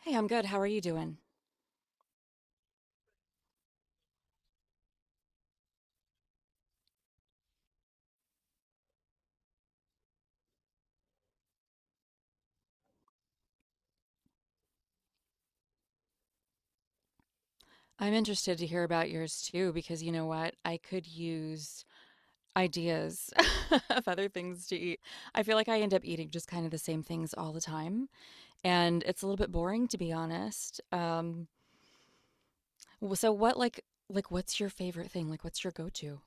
Hey, I'm good. How are you doing? I'm interested to hear about yours too, because you know what? I could use ideas of other things to eat. I feel like I end up eating just kind of the same things all the time, and it's a little bit boring to be honest. So what like what's your favorite thing? Like what's your go-to?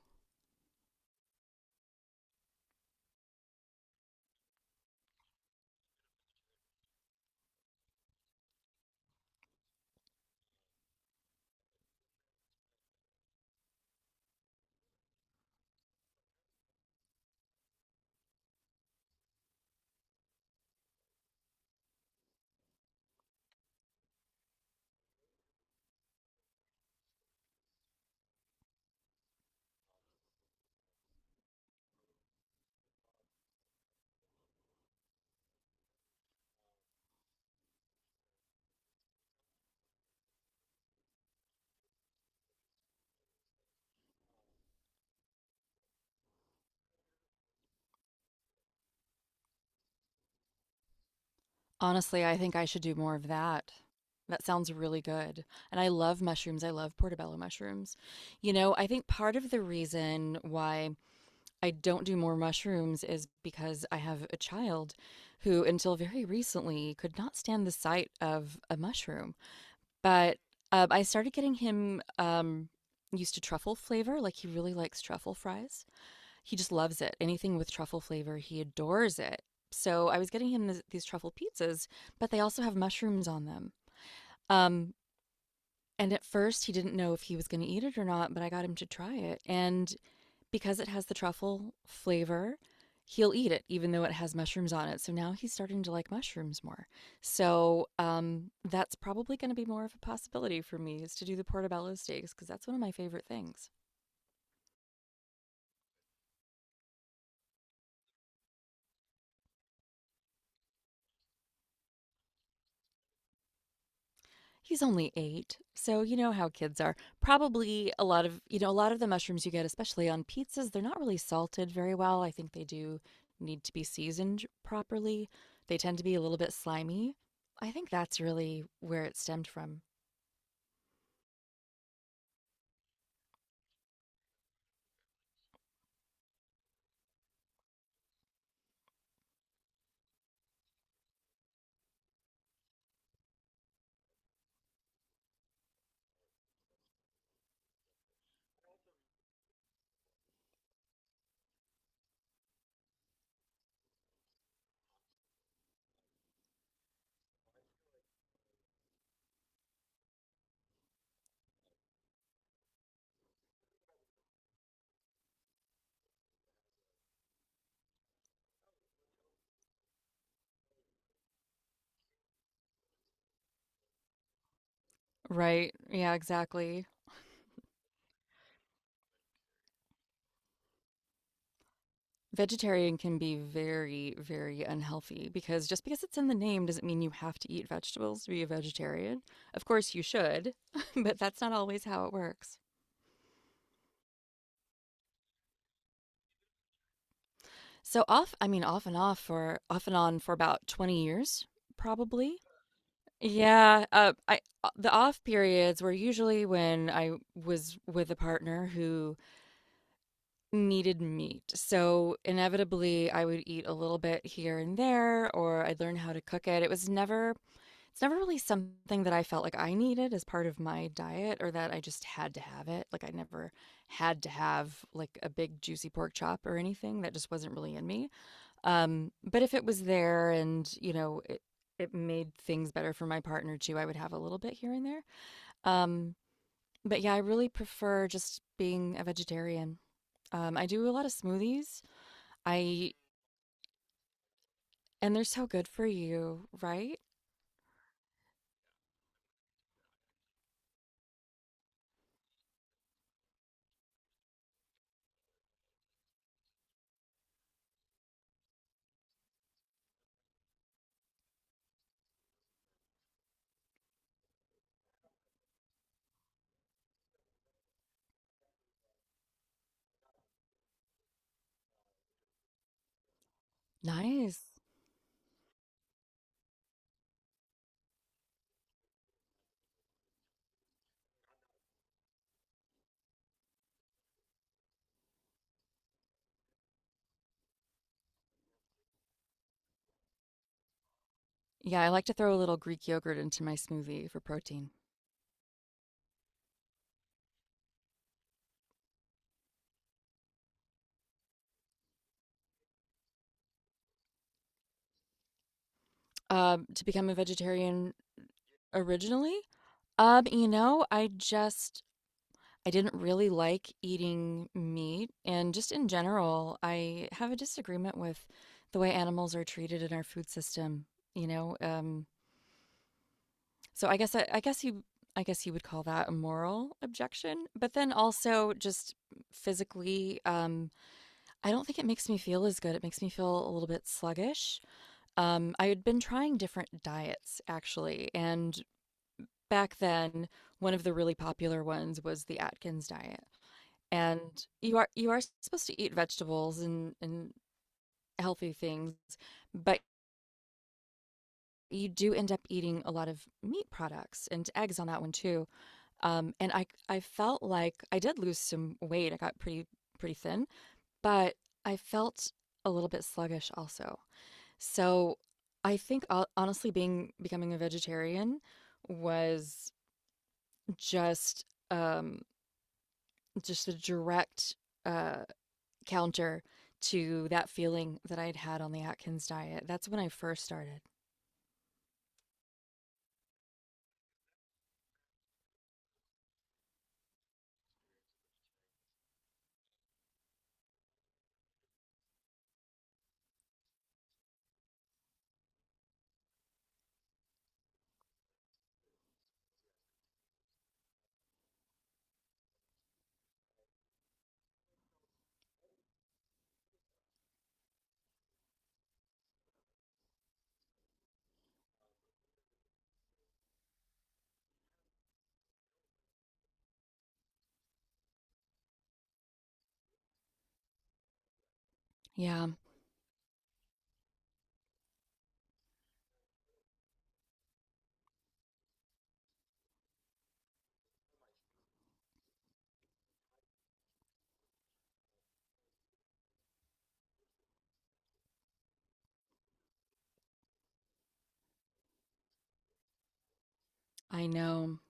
Honestly, I think I should do more of that. That sounds really good. And I love mushrooms. I love portobello mushrooms. You know, I think part of the reason why I don't do more mushrooms is because I have a child who, until very recently, could not stand the sight of a mushroom. But I started getting him used to truffle flavor. Like, he really likes truffle fries. He just loves it. Anything with truffle flavor, he adores it. So I was getting him these truffle pizzas, but they also have mushrooms on them. Um, and at first, he didn't know if he was going to eat it or not, but I got him to try it. And because it has the truffle flavor, he'll eat it even though it has mushrooms on it. So now he's starting to like mushrooms more. So that's probably going to be more of a possibility for me is to do the portobello steaks because that's one of my favorite things. He's only eight, so you know how kids are. Probably a lot of a lot of the mushrooms you get, especially on pizzas, they're not really salted very well. I think they do need to be seasoned properly. They tend to be a little bit slimy. I think that's really where it stemmed from. Right. Yeah, exactly. Vegetarian can be very, very unhealthy because just because it's in the name doesn't mean you have to eat vegetables to be a vegetarian. Of course, you should, but that's not always how it works. So off, I mean, off and on for about 20 years, probably. Yeah, I the off periods were usually when I was with a partner who needed meat. So inevitably I would eat a little bit here and there or I'd learn how to cook it. It was never It's never really something that I felt like I needed as part of my diet or that I just had to have it. Like I never had to have like a big juicy pork chop or anything that just wasn't really in me. But if it was there, and you know, it made things better for my partner too, I would have a little bit here and there. Um but yeah, I really prefer just being a vegetarian. I do a lot of smoothies, I and they're so good for you, right? Nice. Yeah, I like to throw a little Greek yogurt into my smoothie for protein. To become a vegetarian originally, you know, I didn't really like eating meat, and just in general, I have a disagreement with the way animals are treated in our food system. You know, so I guess you would call that a moral objection, but then also just physically, I don't think it makes me feel as good. It makes me feel a little bit sluggish. I had been trying different diets actually, and back then, one of the really popular ones was the Atkins diet. And you are supposed to eat vegetables and healthy things, but you do end up eating a lot of meat products and eggs on that one too. And I felt like I did lose some weight. I got pretty thin, but I felt a little bit sluggish also. So, I think ho honestly being becoming a vegetarian was just, um, just a direct, uh, counter to that feeling that I'd had on the Atkins diet. That's when I first started. Yeah, I know.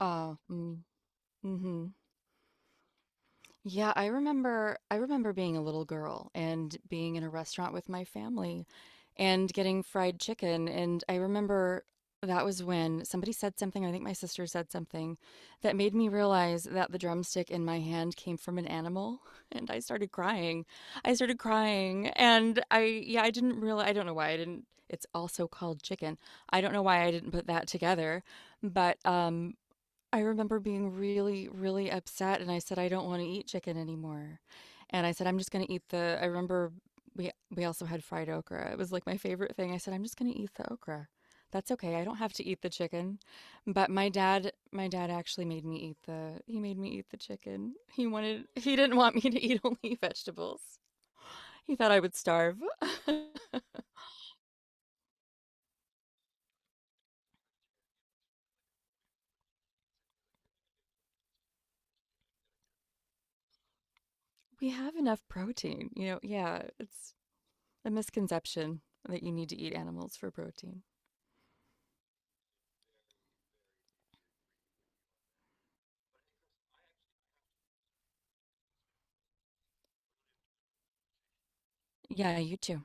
Oh, mm, mhm. Yeah, I remember being a little girl and being in a restaurant with my family and getting fried chicken, and I remember that was when somebody said something, I think my sister said something that made me realize that the drumstick in my hand came from an animal and I started crying. I started crying and I don't know why I didn't, it's also called chicken. I don't know why I didn't put that together, but I remember being really, really upset, and I said, "I don't wanna eat chicken anymore." And I said, "I'm just gonna eat the—" I remember we also had fried okra, it was, like, my favorite thing. I said, "I'm just gonna eat the okra. That's okay, I don't have to eat the chicken." But my dad actually made me eat the he made me eat the chicken. He didn't want me to eat only vegetables. He thought I would starve. We have enough protein, you know? Yeah, it's a misconception that you need to eat animals for protein. Yeah, you too.